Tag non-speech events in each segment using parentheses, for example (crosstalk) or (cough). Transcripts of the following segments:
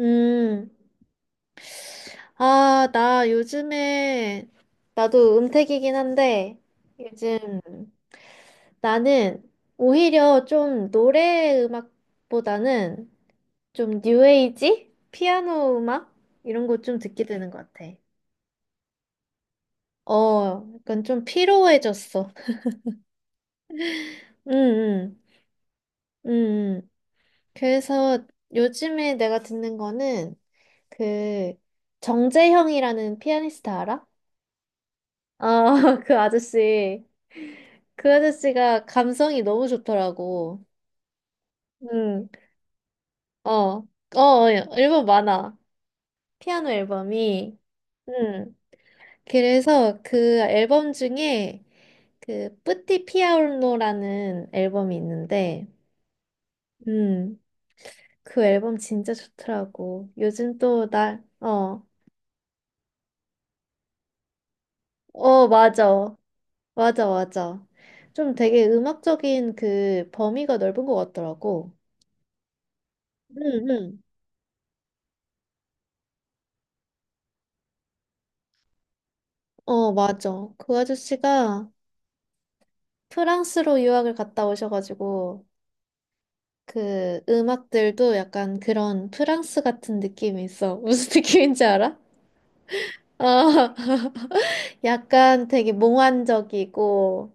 음, 아, 나 요즘에, 나도 은퇴이긴 한데, 요즘 나는 오히려 좀 노래 음악보다는 좀 뉴에이지? 피아노 음악? 이런 거 좀 듣게 되는 것 같아. 어, 약간 좀 피로해졌어. (laughs) 응, 응, 응. 응. 그래서 요즘에 내가 듣는 거는 그 정재형이라는 피아니스트 알아? 아, (laughs) 그 아저씨. 그 아저씨가 감성이 너무 좋더라고. 응, 어, 어, 어, 앨범 많아. 피아노 앨범이. 응. 그래서 그 앨범 중에 그 뿌띠 피아노라는 앨범이 있는데, 음, 그 앨범 진짜 좋더라고. 요즘 또 나, 어, 어, 맞아. 맞아, 맞아. 좀 되게 음악적인 그 범위가 넓은 것 같더라고. 응, 응. 어, 맞아. 그 아저씨가 프랑스로 유학을 갔다 오셔가지고, 그 음악들도 약간 그런 프랑스 같은 느낌이 있어. (laughs) 무슨 느낌인지 알아? 아, (laughs) 약간 되게 몽환적이고,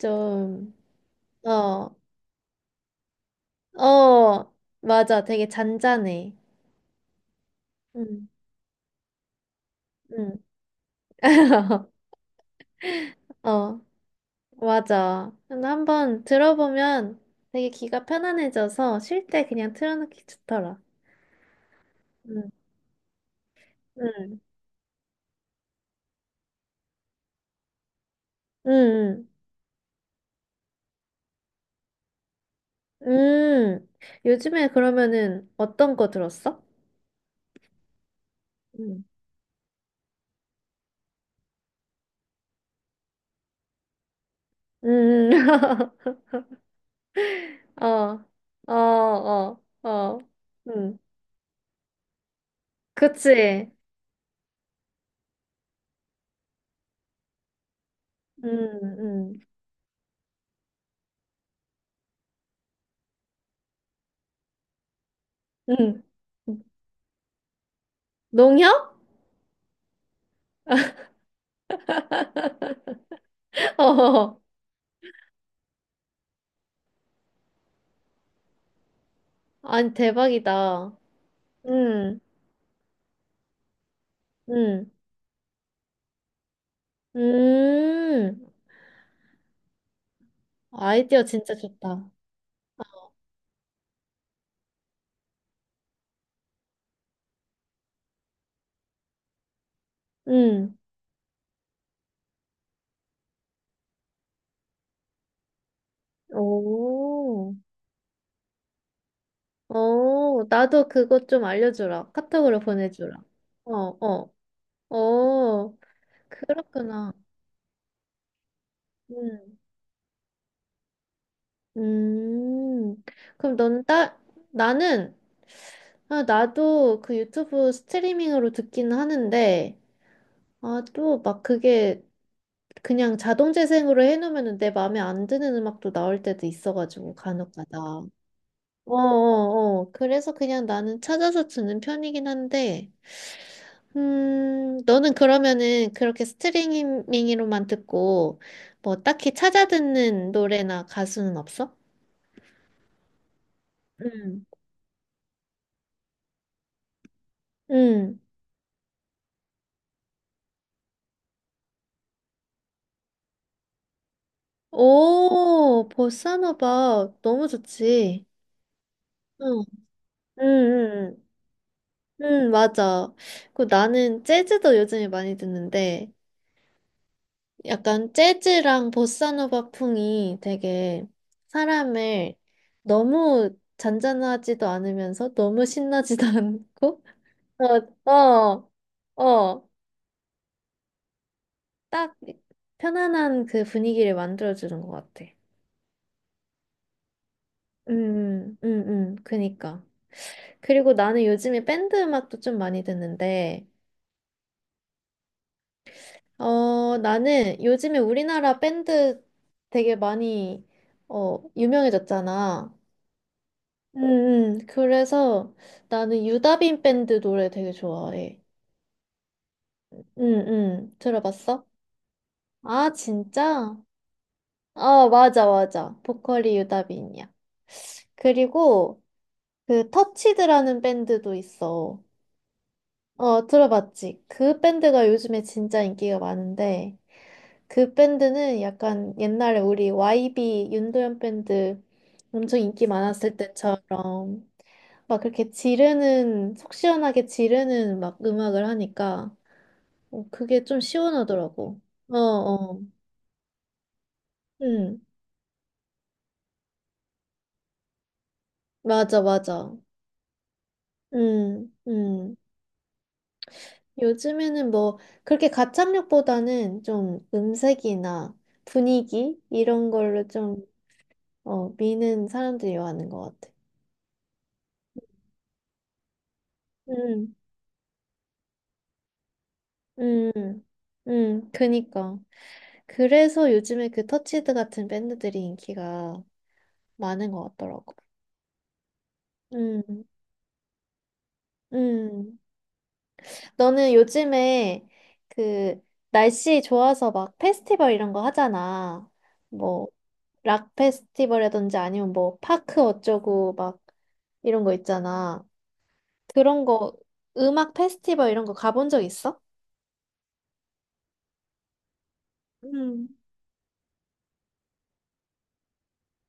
좀, 어, 어, 맞아. 되게 잔잔해. 응, 응. (laughs) 어, 맞아. 근데 한번 들어보면 되게 귀가 편안해져서 쉴 때 그냥 틀어놓기 좋더라. 응, 응. 음, 음. 요즘에 그러면은 어떤 거 들었어? 음, 음, (laughs) 어, 어, 어, 어, 음, 그치. 음, 음, 음. 농협? (laughs) 어, 아니, 대박이다. 음, 음, 음. 아이디어 진짜 좋다. 음, 오, 오, 나도 그거 좀 알려주라. 카톡으로 보내주라. 어, 어, 어, 그렇구나. 음. 음, 그럼 넌 따, 나는, 아, 나도 그 유튜브 스트리밍으로 듣기는 하는데, 아, 또 막 그게 그냥 자동 재생으로 해놓으면 내 마음에 안 드는 음악도 나올 때도 있어가지고, 간혹 가다. 어어어. 그래서 그냥 나는 찾아서 듣는 편이긴 한데, 너는 그러면은 그렇게 스트리밍으로만 듣고, 뭐 딱히 찾아 듣는 노래나 가수는 없어? 응. 응. 오, 보사노바 너무 좋지. 응. 응, 응, 응, 응, 맞아. 그 나는 재즈도 요즘에 많이 듣는데, 약간 재즈랑 보사노바 풍이 되게 사람을 너무 잔잔하지도 않으면서 너무 신나지도 (laughs) 않고, 어, 어, 어, 딱 편안한 그 분위기를 만들어주는 것 같아. 응, 응, 응, 응, 그니까. 그리고 나는 요즘에 밴드 음악도 좀 많이 듣는데, 어, 나는 요즘에 우리나라 밴드 되게 많이, 어, 유명해졌잖아. 음, 그래서 나는 유다빈 밴드 노래 되게 좋아해. 응응 들어봤어? 아, 진짜? 아, 맞아, 맞아. 보컬이 유다빈이야. 그리고 그 터치드라는 밴드도 있어. 어, 들어봤지? 그 밴드가 요즘에 진짜 인기가 많은데, 그 밴드는 약간 옛날에 우리 YB 윤도현 밴드 엄청 인기 많았을 때처럼 막 그렇게 지르는, 속 시원하게 지르는 막 음악을 하니까 어, 그게 좀 시원하더라고. 어, 어. 응. 맞아, 맞아. 응, 응. 요즘에는 뭐 그렇게 가창력보다는 좀 음색이나 분위기 이런 걸로 좀 어, 미는 사람들이 많은 것 같아. 응. 음, 그니까. 그래서 요즘에 그 터치드 같은 밴드들이 인기가 많은 것 같더라고. 음, 음. 너는 요즘에 그 날씨 좋아서 막 페스티벌 이런 거 하잖아. 뭐, 락 페스티벌이라든지 아니면 뭐, 파크 어쩌고 막 이런 거 있잖아. 그런 거, 음악 페스티벌 이런 거 가본 적 있어? 음.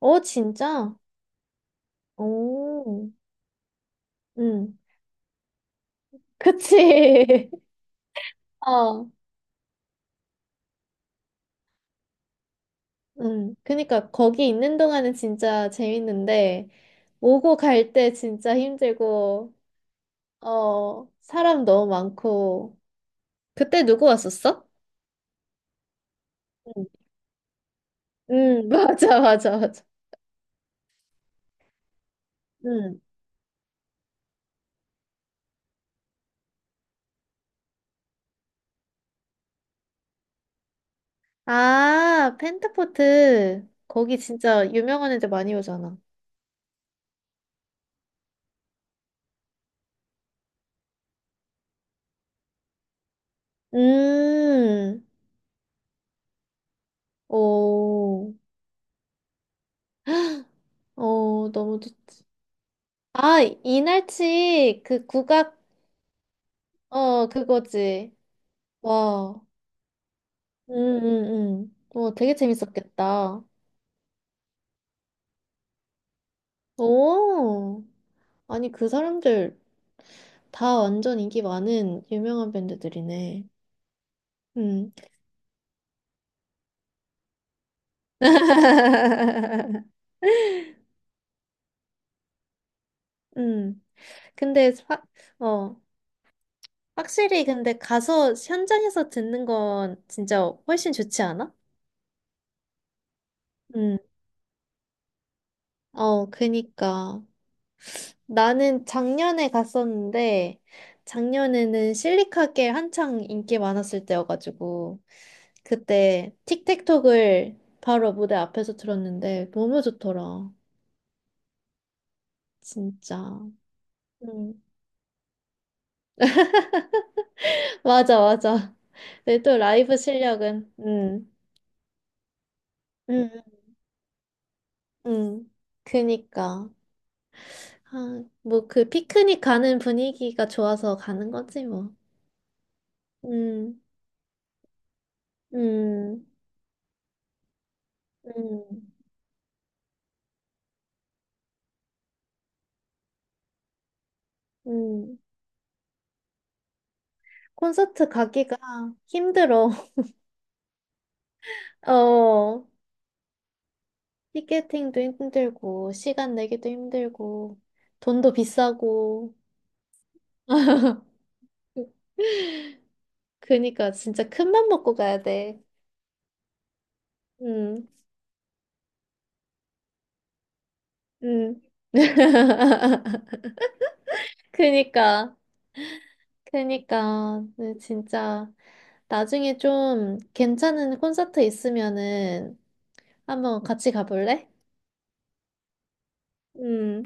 어, 진짜? 오, 응 그치. (laughs) 어. 그니까 거기 있는 동안은 진짜 재밌는데 오고 갈 때 진짜 힘들고 어 사람 너무 많고 그때 누구 왔었어? 응, (laughs) 맞아 맞아 맞아. 응. 아, 펜타포트 거기 진짜 유명한 애들 많이 오잖아. 음, 오, 어 너무 좋지. 아, 이날치 그 국악 어 그거지. 와. 응응 응 어, 되게 재밌었겠다. 오, 아니, 그 사람들 다 완전 인기 많은 유명한 밴드들이네. 음. (laughs) 음. 근데, 어, 확실히 근데 가서 현장에서 듣는 건 진짜 훨씬 좋지 않아? 음. 어, 그니까. 나는 작년에 갔었는데, 작년에는 실리카겔 한창 인기 많았을 때여가지고, 그때 틱택톡을 바로 무대 앞에서 들었는데, 너무 좋더라. 진짜. 음. (laughs) 맞아, 맞아. 근데 또 라이브 실력은, 음, 음. 그니까. 아, 뭐 그 피크닉 가는 분위기가 좋아서 가는 거지, 뭐. 음, 음, 음, 음. 콘서트 가기가 힘들어. (laughs) 어, 티켓팅도 힘들고, 시간 내기도 힘들고, 돈도 비싸고. (laughs) 그니까 진짜 큰 맘 먹고 가야 돼. 응, 응. (laughs) 그니까, 그니까, 네, 진짜. 나중에 좀 괜찮은 콘서트 있으면은 한번 같이 가볼래? 음,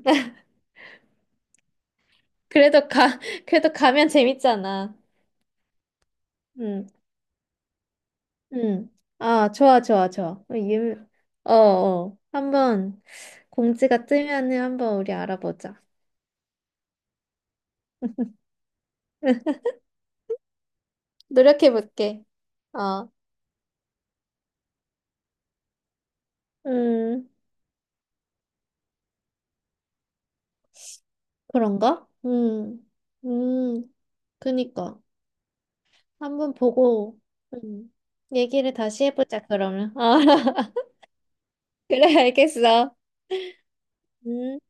(laughs) 그래도 가, 그래도 가면 재밌잖아. 음. 응. 아, 좋아, 좋아, 좋아. 어, 유... 어, 어. 한번 공지가 뜨면은 한번 우리 알아보자. (laughs) 노력해 볼게. 어, 음, 그런가? 음, 그니까. 한번 보고, 음, 얘기를 다시 해보자, 그러면. 어, (laughs) 그래, 알겠어. 음.